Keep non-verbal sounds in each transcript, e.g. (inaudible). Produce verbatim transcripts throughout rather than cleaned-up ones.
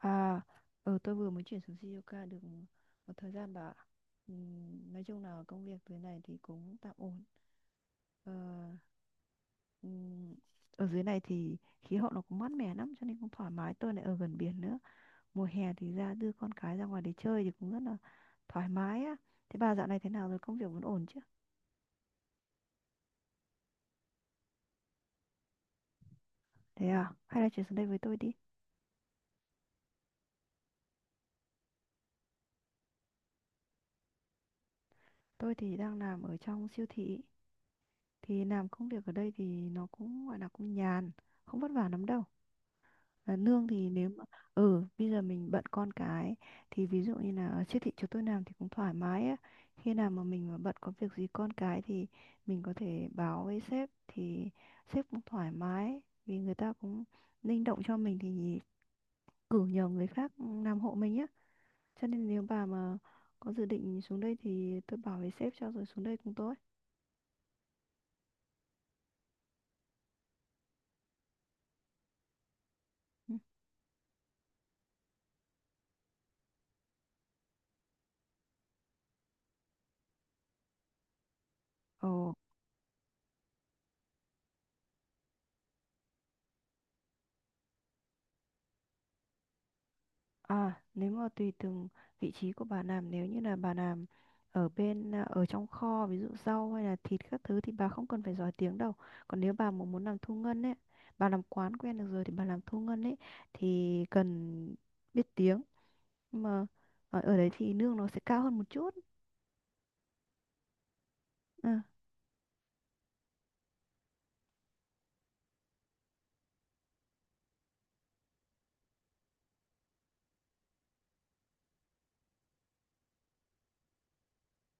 À, ừ, tôi vừa mới chuyển xuống Sri Lanka được một thời gian bà ạ. Ừm, nói chung là công việc dưới này thì cũng tạm ổn. Ờ, ừm, Ở dưới này thì khí hậu nó cũng mát mẻ lắm cho nên cũng thoải mái. Tôi lại ở gần biển nữa. Mùa hè thì ra đưa con cái ra ngoài để chơi thì cũng rất là thoải mái á. Thế bà dạo này thế nào rồi? Công việc vẫn ổn chứ? Thế à? Hay là chuyển xuống đây với tôi đi. Tôi thì đang làm ở trong siêu thị. Thì làm công việc ở đây thì nó cũng gọi là cũng nhàn, không vất vả lắm đâu. Và nương thì nếu mà ừ bây giờ mình bận con cái thì ví dụ như là ở siêu thị chỗ tôi làm thì cũng thoải mái á, khi nào mà mình mà bận có việc gì con cái thì mình có thể báo với sếp thì sếp cũng thoải mái vì người ta cũng linh động cho mình thì cử nhờ người khác ừ, làm hộ mình á, cho nên nếu bà mà có dự định xuống đây thì tôi bảo với sếp cho rồi xuống đây cùng tôi. Ừ. Ồ. À, nếu mà tùy từng vị trí của bà làm, nếu như là bà làm ở bên à, ở trong kho ví dụ rau hay là thịt các thứ thì bà không cần phải giỏi tiếng đâu. Còn nếu bà mà muốn làm thu ngân ấy, bà làm quán quen được rồi thì bà làm thu ngân ấy thì cần biết tiếng. Nhưng mà ở, ở đấy thì lương nó sẽ cao hơn một chút. Ừ.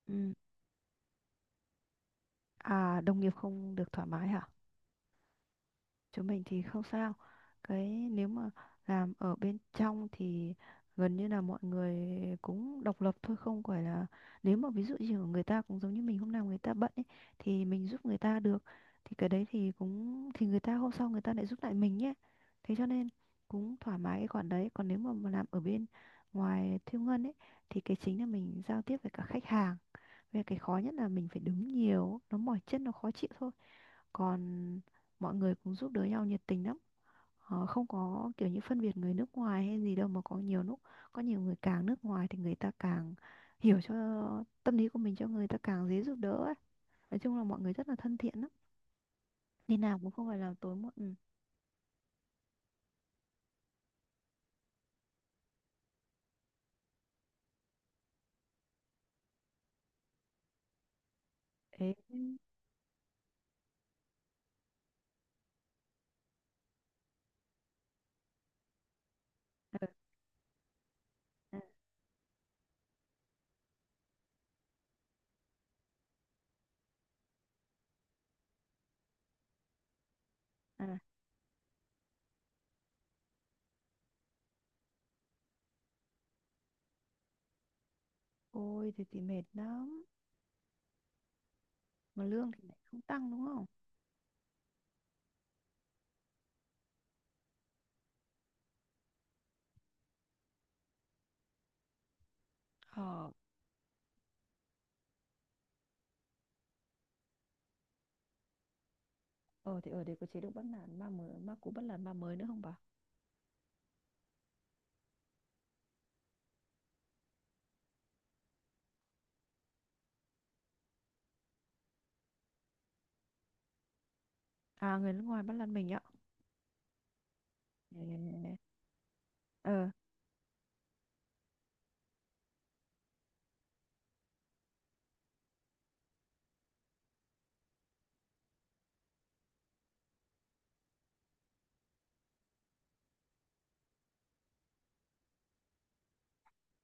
Ừ. À, đồng nghiệp không được thoải mái hả? Chúng mình thì không sao. Cái nếu mà làm ở bên trong thì gần như là mọi người cũng độc lập thôi, không phải là nếu mà ví dụ như ở người ta cũng giống như mình, hôm nào người ta bận ấy thì mình giúp người ta được thì cái đấy thì cũng thì người ta hôm sau người ta lại giúp lại mình nhé. Thế cho nên cũng thoải mái cái khoản đấy. Còn nếu mà mà làm ở bên ngoài thiêu ngân ấy thì cái chính là mình giao tiếp với cả khách hàng, về cái khó nhất là mình phải đứng nhiều, nó mỏi chân, nó khó chịu thôi. Còn mọi người cũng giúp đỡ nhau nhiệt tình lắm. Họ không có kiểu như phân biệt người nước ngoài hay gì đâu, mà có nhiều lúc có nhiều người càng nước ngoài thì người ta càng hiểu cho tâm lý của mình, cho người ta càng dễ giúp đỡ ấy. Nói chung là mọi người rất là thân thiện lắm. Đi nào cũng không phải là tối muộn. Ừ. Ế, ờ, à, à. Ôi thì thì mệt lắm. Mà lương thì lại không tăng đúng không? Ờ, ờ thì ở đây có chế độ bắt nạt ma mới, ma cũ bắt nạt ma mới nữa không bà? À, người nước ngoài bắt làm mình ạ. Ừ. Ờ,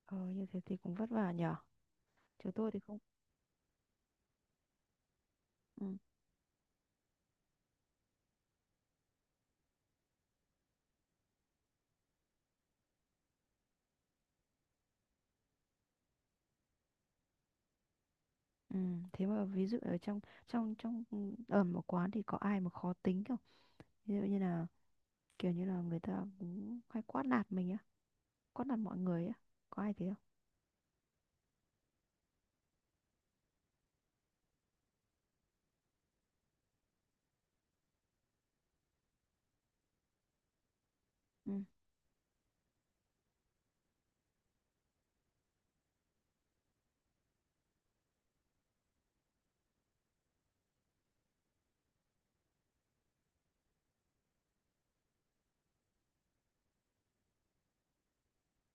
ờ như thế thì cũng vất vả nhở. Chứ tôi thì không. Ừ. Ừ. Thế mà ví dụ ở trong trong trong ừ, ở một quán thì có ai mà khó tính không? Ví dụ như là kiểu như là người ta cũng hay quát nạt mình á, quát nạt mọi người á. Có ai thế không? Ừ.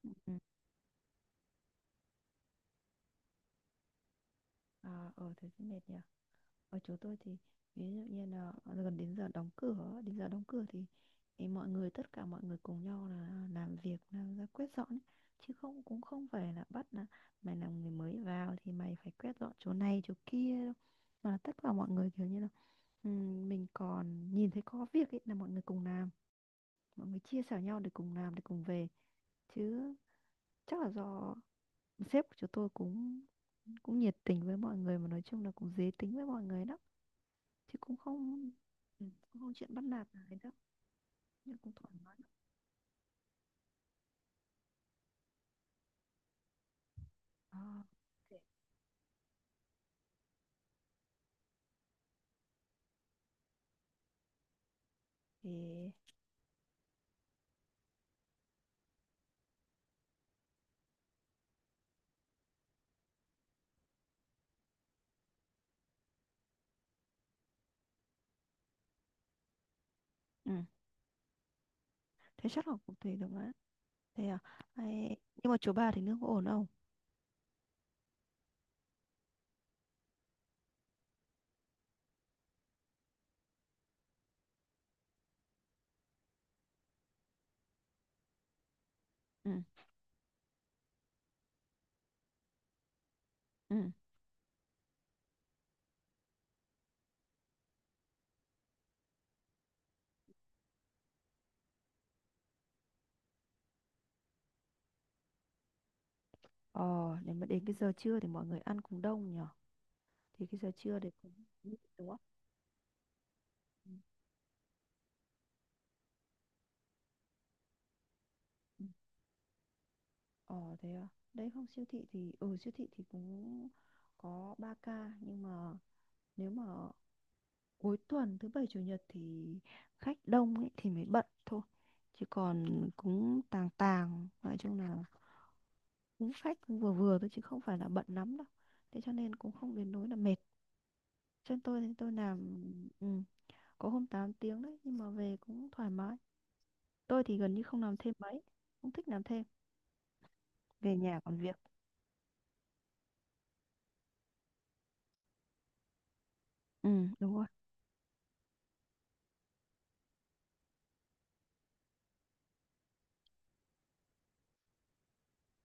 Ừ. Ừ. À, ờ thế thì mệt nhỉ. Ở chỗ tôi thì ví dụ như là gần đến giờ đóng cửa, đến giờ đóng cửa thì, thì mọi người tất cả mọi người cùng nhau là làm việc làm ra quét dọn ấy. Chứ không, cũng không phải là bắt là mày là người mới vào thì mày phải quét dọn chỗ này chỗ kia đâu, mà là tất cả mọi người kiểu như là, ừm, mình còn nhìn thấy có việc ấy là mọi người cùng làm, mọi người chia sẻ nhau để cùng làm để cùng về. Chứ chắc là do sếp của chúng tôi cũng cũng nhiệt tình với mọi người, mà nói chung là cũng dễ tính với mọi người đó, thì cũng không ừ, cũng không chuyện bắt nạt gì đâu, nhưng cũng thoải mái. Ờ, thế thì ừ. Thế chắc là cũng tùy được á. Thế à? Ai- nhưng mà chỗ bà thì nước có ổn không? Ừ. Ừ. Ờ, nếu mà đến cái giờ trưa thì mọi người ăn cũng đông nhở, thì cái giờ trưa đấy cũng nhịn, đúng không? Ừ. Ừ. Ờ thế à. Đấy không, siêu thị thì ừ siêu thị thì cũng có ba ca, nhưng mà nếu mà cuối tuần thứ bảy chủ nhật thì khách đông ấy thì mới bận thôi, chứ còn cũng tàng tàng, nói chung là cũng khách cũng vừa vừa thôi chứ không phải là bận lắm đâu, thế cho nên cũng không đến nỗi là mệt cho tôi. Thì tôi làm ừ, có hôm tám tiếng đấy, nhưng mà về cũng thoải mái. Tôi thì gần như không làm thêm mấy, không thích làm thêm, về nhà còn việc. Ừ đúng rồi.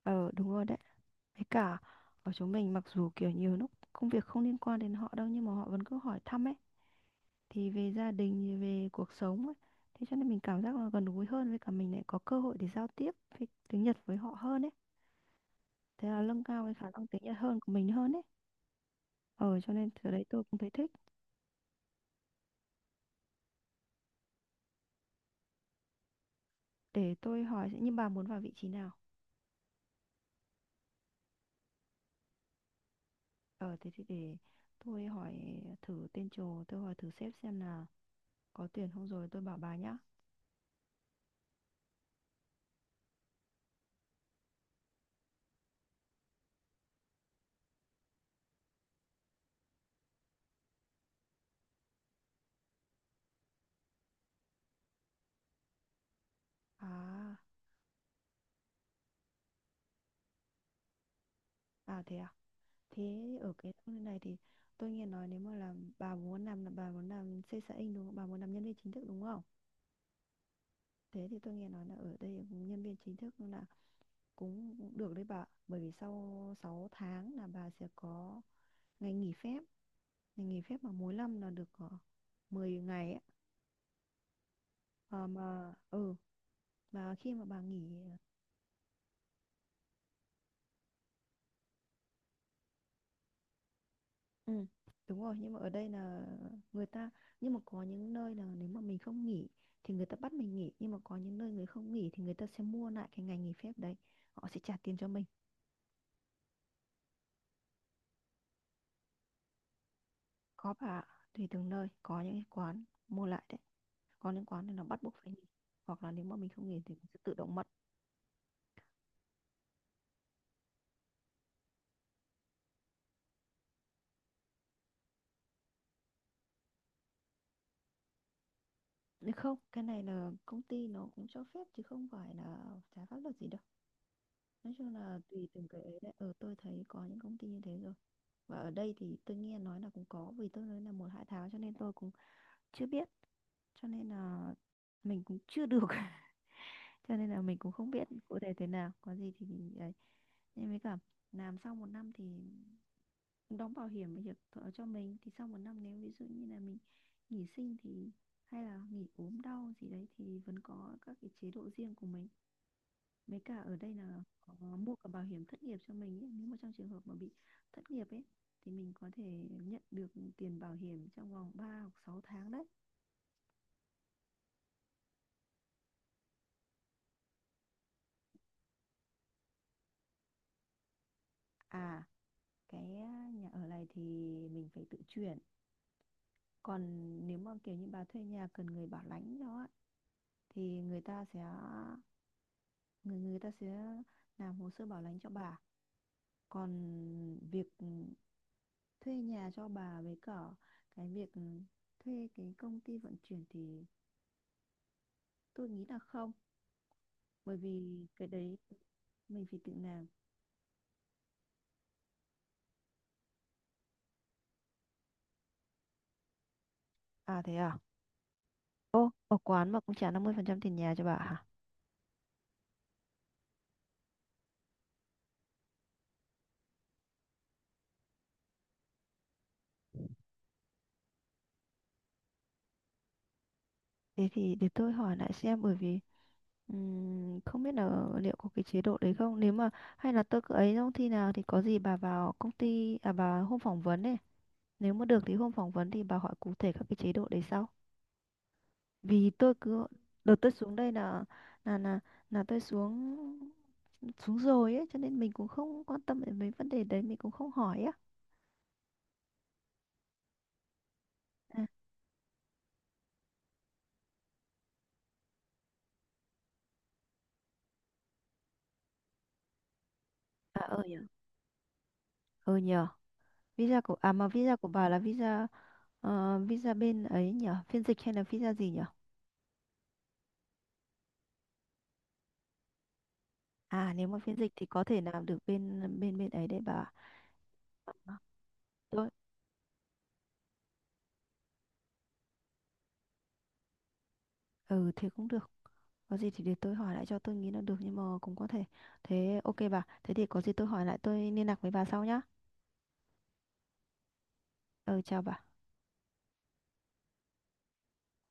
Ờ đúng rồi đấy. Với cả ở chỗ mình, mặc dù kiểu nhiều lúc công việc không liên quan đến họ đâu, nhưng mà họ vẫn cứ hỏi thăm ấy, thì về gia đình về cuộc sống ấy. Thế cho nên mình cảm giác là gần gũi hơn, với cả mình lại có cơ hội để giao tiếp với tiếng Nhật với họ hơn ấy. Thế là nâng cao cái khả năng tiếng Nhật hơn của mình hơn ấy. Ờ, cho nên từ đấy tôi cũng thấy thích. Để tôi hỏi sẽ như bà muốn vào vị trí nào? Ờ thế thì để tôi hỏi thử tên trồ, tôi hỏi thử sếp xem là có tuyển không rồi tôi bảo bà nhá. À, à thế à. Thế ở cái công ty này thì tôi nghe nói nếu mà làm, bà muốn làm là bà muốn làm sales xã Inc đúng không? Bà muốn làm nhân viên chính thức đúng không? Thế thì tôi nghe nói là ở đây nhân viên chính thức là cũng được đấy bà. Bởi vì sau sáu tháng là bà sẽ có ngày nghỉ phép. Ngày nghỉ phép mà mỗi năm là được ờ, mười ngày ấy. Ờ, mà ừ mà khi mà bà nghỉ, ừ đúng rồi, nhưng mà ở đây là người ta, nhưng mà có những nơi là nếu mà mình không nghỉ thì người ta bắt mình nghỉ, nhưng mà có những nơi người không nghỉ thì người ta sẽ mua lại cái ngày nghỉ phép đấy, họ sẽ trả tiền cho mình. Có bà ạ. Tùy từng nơi có những cái quán mua lại đấy, có liên quan nên là bắt buộc phải nghỉ, hoặc là nếu mà mình không nghỉ thì mình sẽ tự động mất. Nếu không cái này là công ty nó cũng cho phép chứ không phải là trái pháp luật gì đâu. Nói chung là tùy từng cái ấy đấy, ờ tôi thấy có những công ty như thế rồi. Và ở đây thì tôi nghe nói là cũng có, vì tôi nói là một hai tháng cho nên tôi cũng chưa biết, cho nên là mình cũng chưa được (laughs) cho nên là mình cũng không biết cụ thể thế nào, có gì thì mình ấy. Nhưng với cả làm sau một năm thì đóng bảo hiểm, bảo hiểm thọ cho mình, thì sau một năm nếu ví dụ như là mình nghỉ sinh thì hay là nghỉ ốm đau gì đấy thì vẫn có các cái chế độ riêng của mình. Mấy cả ở đây là có mua cả bảo hiểm thất nghiệp cho mình ấy, nếu mà trong trường hợp mà bị thất nghiệp ấy thì mình có thể nhận được tiền bảo hiểm trong vòng ba hoặc sáu tháng đấy. À, cái nhà ở này thì mình phải tự chuyển. Còn nếu mà kiểu như bà thuê nhà cần người bảo lãnh cho á, thì người ta sẽ người người ta sẽ làm hồ sơ bảo lãnh cho bà. Còn việc thuê nhà cho bà, với cả cái việc thuê cái công ty vận chuyển thì tôi nghĩ là không, bởi vì cái đấy mình phải tự làm. À thế à. Ô, ở quán mà cũng trả năm mươi phần trăm tiền nhà cho bà hả? Thế thì để tôi hỏi lại xem, bởi vì ừm, không biết là liệu có cái chế độ đấy không, nếu mà hay là tôi cứ ấy trong khi nào thì có gì bà vào công ty, à bà hôm phỏng vấn ấy. Nếu mà được thì hôm phỏng vấn thì bà hỏi cụ thể các cái chế độ đấy sau. Vì tôi cứ đợt tôi xuống đây là là là là tôi xuống, xuống rồi ấy, cho nên mình cũng không quan tâm đến mấy vấn đề đấy, mình cũng không hỏi á. À, à ờ nhờ. Ờ nhờ. Visa của, à mà visa của bà là visa ờ, visa bên ấy nhở, phiên dịch hay là visa gì nhở? À nếu mà phiên dịch thì có thể làm được bên bên bên ấy đấy bà. Ờ, Tôi. Ừ thế cũng được. Có gì thì để tôi hỏi lại, cho tôi nghĩ là được. Nhưng mà cũng có thể. Thế ok bà, thế thì có gì tôi hỏi lại tôi liên lạc với bà sau nhá. Ừ chào bà.